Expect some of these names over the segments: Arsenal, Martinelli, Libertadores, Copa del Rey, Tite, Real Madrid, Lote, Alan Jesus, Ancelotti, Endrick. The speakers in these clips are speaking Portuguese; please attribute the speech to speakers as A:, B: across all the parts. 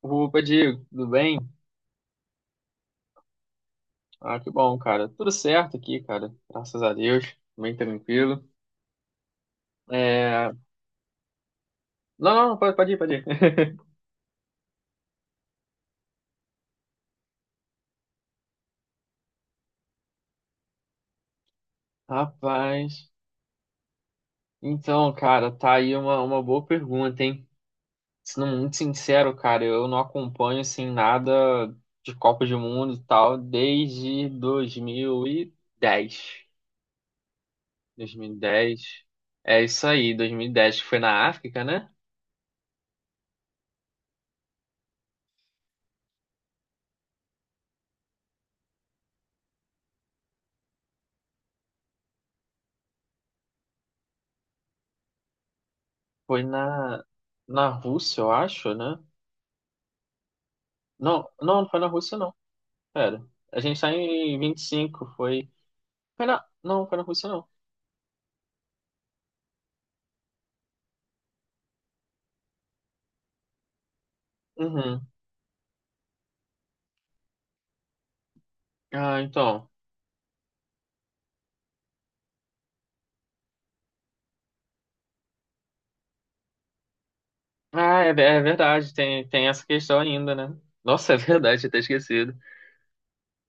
A: Opa, Diego, tudo bem? Ah, que bom, cara. Tudo certo aqui, cara. Graças a Deus, bem tranquilo. É... Não, não, não, pode ir, pode ir. Rapaz. Então, cara, tá aí uma boa pergunta, hein? Sendo muito sincero, cara, eu não acompanho, assim, nada de Copa do Mundo e tal desde 2010. 2010. É isso aí, 2010, que foi na África, né? Foi na Rússia, eu acho, né? Não, não, não foi na Rússia, não. Pera. A gente tá em 25, foi. Foi na. Não, foi na Rússia, não. Uhum. Ah, então. Ah, é, é verdade, tem essa questão ainda, né? Nossa, é verdade, tinha até esquecido.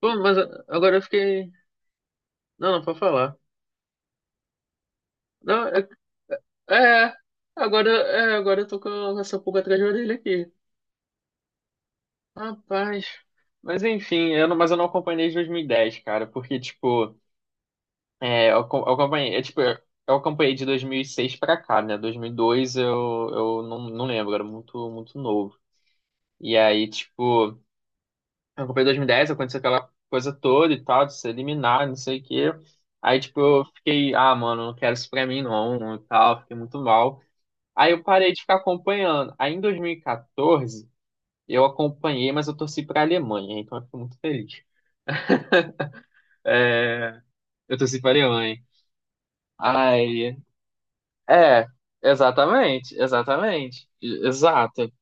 A: Pô, mas agora eu fiquei. Não, não, pode falar. Não, é. é, agora eu tô com essa pulga atrás da orelha aqui. Rapaz. Mas enfim, eu não, mas eu não acompanhei desde 2010, cara, porque, tipo. É, eu acompanhei, é, tipo, eu acompanhei de 2006 pra cá, né? 2002 eu não, não lembro, era muito, muito novo. E aí, tipo, eu acompanhei 2010, aconteceu aquela coisa toda e tal, de ser eliminado, não sei o quê. Aí, tipo, eu fiquei, ah, mano, não quero isso pra mim não, e tal, fiquei muito mal. Aí eu parei de ficar acompanhando. Aí em 2014, eu acompanhei, mas eu torci pra Alemanha, então eu fico muito feliz. É, eu torci pra Alemanha. Ai. É, exatamente, exatamente, exato.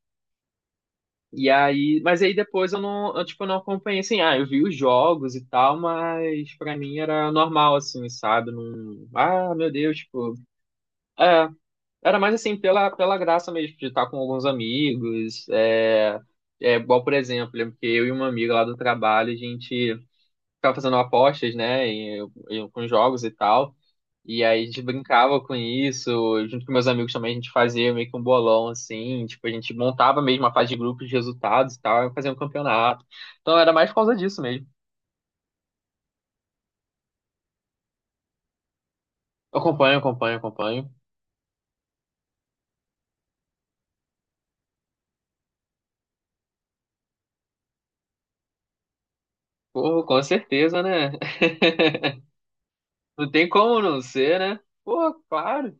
A: E aí, mas aí depois eu, tipo, não acompanhei, assim, ah, eu vi os jogos e tal, mas pra mim era normal, assim, sabe? Não, ah, meu Deus, tipo, é, era mais assim, pela graça mesmo, de estar com alguns amigos, é igual, por exemplo, lembro que eu e uma amiga lá do trabalho, a gente ficava fazendo apostas, né, e com jogos e tal. E aí a gente brincava com isso, junto com meus amigos também a gente fazia meio que um bolão assim, tipo, a gente montava mesmo a fase de grupos de resultados e tal, e fazia um campeonato. Então era mais por causa disso mesmo. Eu acompanho, acompanho, acompanho. Pô, com certeza, né? Não tem como não ser, né? Pô, claro,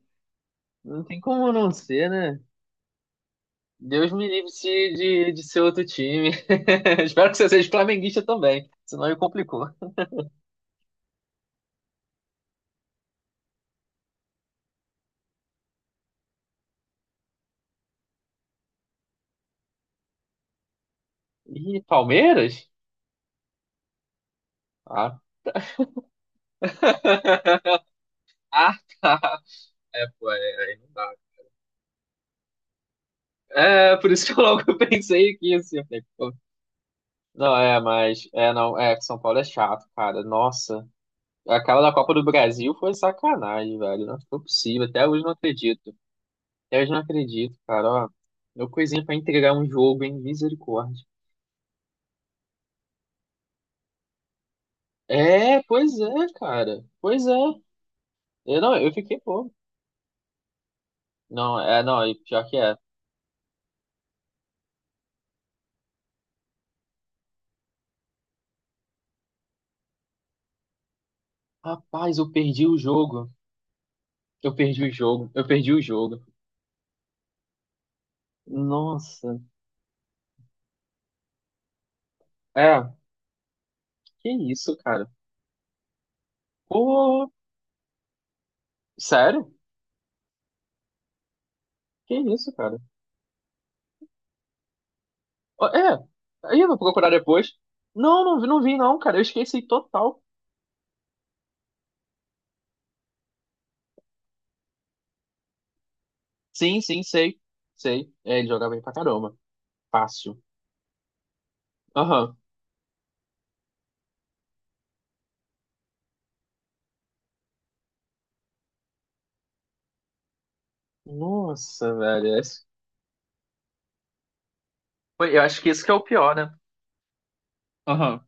A: não tem como não ser, né? Deus me livre de ser outro time. Espero que você seja flamenguista também, senão aí complicou. Ih, Palmeiras? Ah. Ah, tá. É, pô, é, aí não dá. É, por isso que eu logo pensei que assim, eu falei, pô. Não, é, que São Paulo é chato, cara. Nossa, aquela da Copa do Brasil foi sacanagem, velho. Não foi possível, até hoje não acredito. Até hoje não acredito, cara, ó. Meu coisinha pra entregar um jogo, hein, misericórdia. É, pois é, cara. Pois é. Eu, não, eu fiquei, pô. Não, é, não, e pior que é. Rapaz, eu perdi o jogo. Eu perdi o jogo, eu perdi o jogo. Nossa. É, que isso, cara? Pô, sério? Que isso, cara? Ó, aí eu vou procurar depois. Não, não, não vi não, cara. Eu esqueci total. Sim, sim, sei. Sei. É, ele joga bem pra caramba. Fácil. Aham. Nossa, velho. Eu acho que isso que é o pior, né? Aham.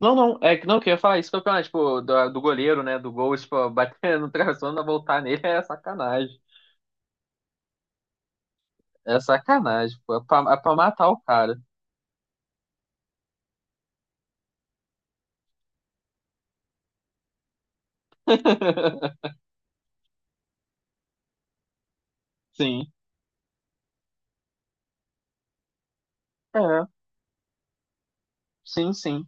A: Não, não, é que não, que eu ia falar isso que é o pior, né? Tipo, do goleiro, né? Do gol, tipo, bater no travessão e voltar nele é sacanagem. É sacanagem, pô. É pra matar o cara. Sim. É, sim, sim.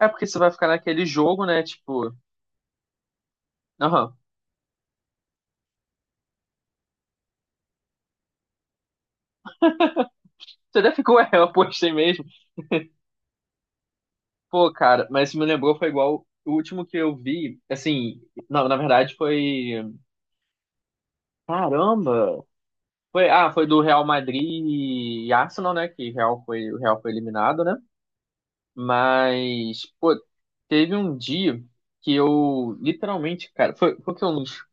A: É porque você vai ficar naquele jogo, né? Tipo, aham. Você até ficou, é, eu apostei mesmo. Pô, cara, mas se me lembrou, foi igual o último que eu vi. Assim, não, na verdade foi. Caramba! Foi do Real Madrid e Arsenal, né? O Real foi eliminado, né? Mas, pô, teve um dia que eu literalmente, cara, foi que uns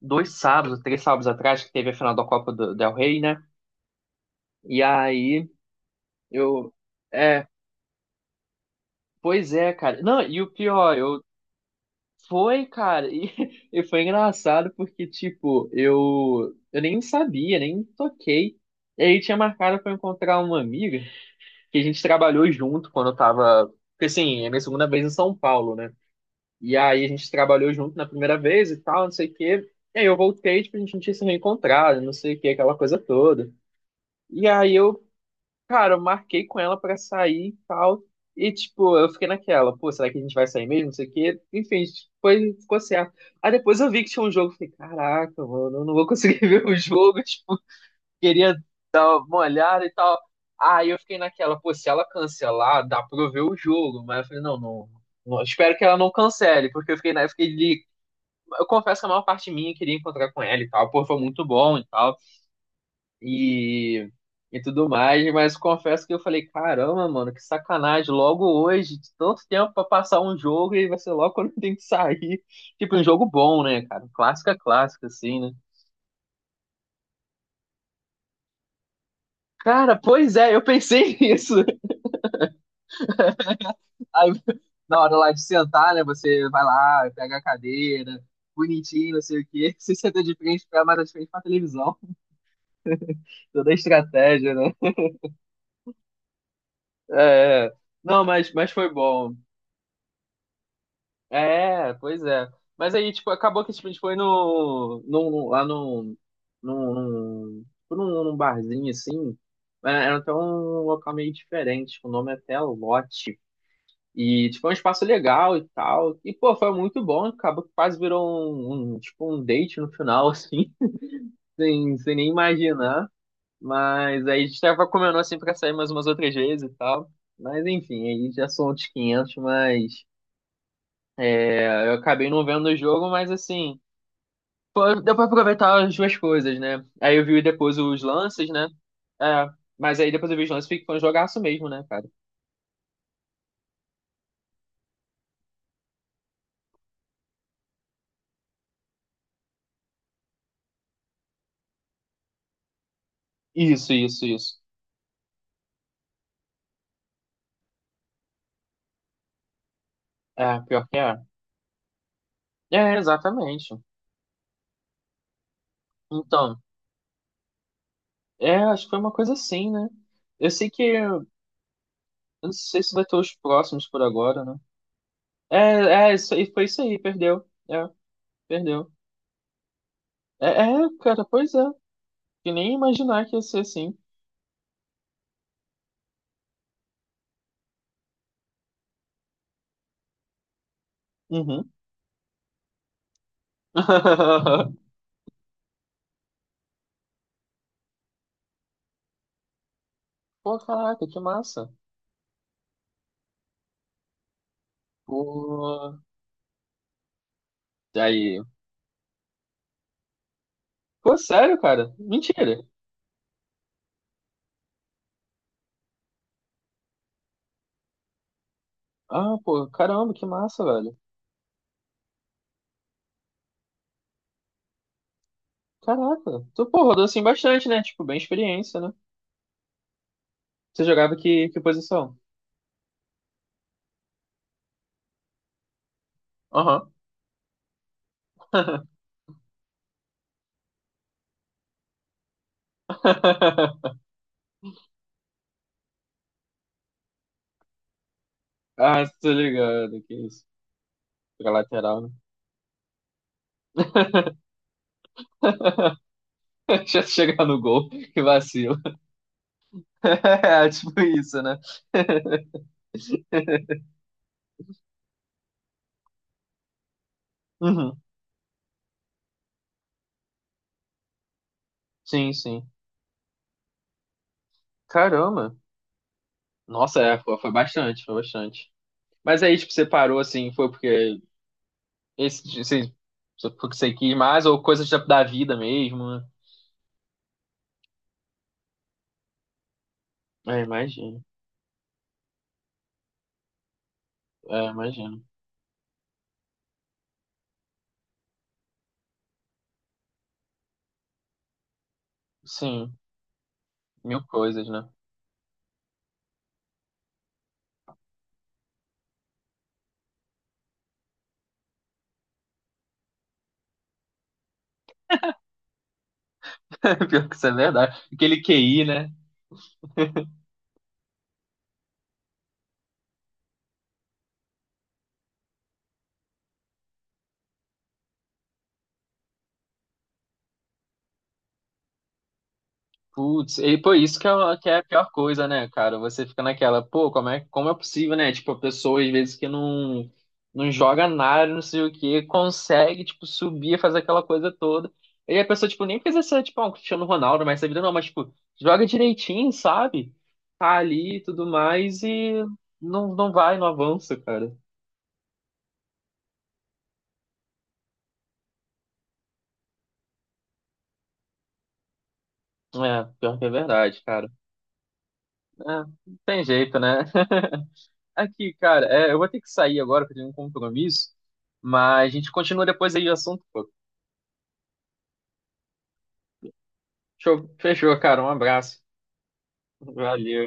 A: dois sábados, três sábados atrás, que teve a final da Copa do Del Rey, né? E aí eu. É, pois é, cara. Não, e o pior, eu. Foi, cara, e, e foi engraçado porque, tipo, eu nem sabia, nem toquei. E aí tinha marcado pra eu encontrar uma amiga que a gente trabalhou junto quando eu tava. Porque assim, é minha segunda vez em São Paulo, né? E aí a gente trabalhou junto na primeira vez e tal, não sei o quê. E aí eu voltei, tipo, a gente não tinha se reencontrado, não sei o quê, aquela coisa toda. E aí eu Cara, eu marquei com ela pra sair e tal. E, tipo, eu fiquei naquela, pô, será que a gente vai sair mesmo? Não sei o quê. Enfim, ficou certo. Aí depois eu vi que tinha um jogo. Falei, caraca, mano, eu não vou conseguir ver o jogo. Tipo, queria dar uma olhada e tal. Aí eu fiquei naquela, pô, se ela cancelar, dá pra eu ver o jogo. Mas eu falei, não, não. Não, espero que ela não cancele, porque eu fiquei, né, eu fiquei ali. Eu confesso que a maior parte minha queria encontrar com ela e tal. Pô, foi muito bom e tal e, e tudo mais, mas confesso que eu falei, caramba, mano, que sacanagem, logo hoje, de tanto tempo pra passar um jogo e vai ser logo quando tem que sair. Tipo, um jogo bom, né, cara? Clássica, clássica, assim, né? Cara, pois é, eu pensei nisso. Aí, na hora lá de sentar, né, você vai lá, pega a cadeira, bonitinho, não sei o quê, você senta de frente pra mais de frente pra televisão. Toda a estratégia, né? É, é. Não, mas foi bom. É, pois é. Mas aí, tipo, acabou que tipo, a gente foi no, no, lá no, no, no, tipo, num, num barzinho, assim. Era até um local meio diferente, tipo, o nome é até Lote. E, tipo, é um espaço legal e tal. E, pô, foi muito bom. Acabou que quase virou um date no final, assim, sem nem imaginar. Mas aí a gente tava comendo, assim, pra sair mais umas outras vezes e tal. Mas, enfim, aí já são outros 500. Eu acabei não vendo o jogo, mas assim, pô, deu pra aproveitar as duas coisas, né? Aí eu vi depois os lances, né? É, mas aí depois eu vi os lances, foi um jogaço mesmo, né, cara? Isso, isso, isso. É, pior que é. É, exatamente. Então, é, acho que foi uma coisa assim, né? Eu não sei se vai ter os próximos por agora, né? É, isso, foi isso aí, perdeu. É, perdeu. Cara, pois é. Que nem imaginar que ia ser assim. Uhum. Pô, caraca, que massa. Pô. Aí. Pô, sério, cara? Mentira. Ah, pô, caramba, que massa, velho. Caraca. Tu, pô, rodou assim bastante, né? Tipo, bem experiência, né? Você jogava que posição? Aham. Ah, tô ligado, que isso. Joga lateral, né? Já chegar no gol, que vacilo. É, tipo isso, né? Uhum. Sim, sim. Caramba. Nossa, é, foi bastante, foi bastante. Mas aí, tipo, você parou assim, foi porque esse, esse, você quis mais ou coisa da vida mesmo, né? É, imagino. É, imagino. Sim, mil coisas, né? Pior que isso é verdade. Aquele QI, né? Putz, e pô, isso que é, que é a pior coisa, né, cara? Você fica naquela, pô, como é possível, né? Tipo, a pessoa às vezes que não joga nada, não sei o quê, consegue, tipo, subir, fazer aquela coisa toda. E a pessoa, tipo, nem fez essa, tipo, ah, um Cristiano Ronaldo, mas essa vida não, mas, tipo, joga direitinho, sabe? Tá ali e tudo mais e não vai, não avança, cara. É, pior que é verdade, cara. É, não tem jeito, né? Aqui, cara, é, eu vou ter que sair agora porque eu tenho um compromisso, mas a gente continua depois aí o assunto, pô. Show, fechou, cara. Um abraço. Valeu.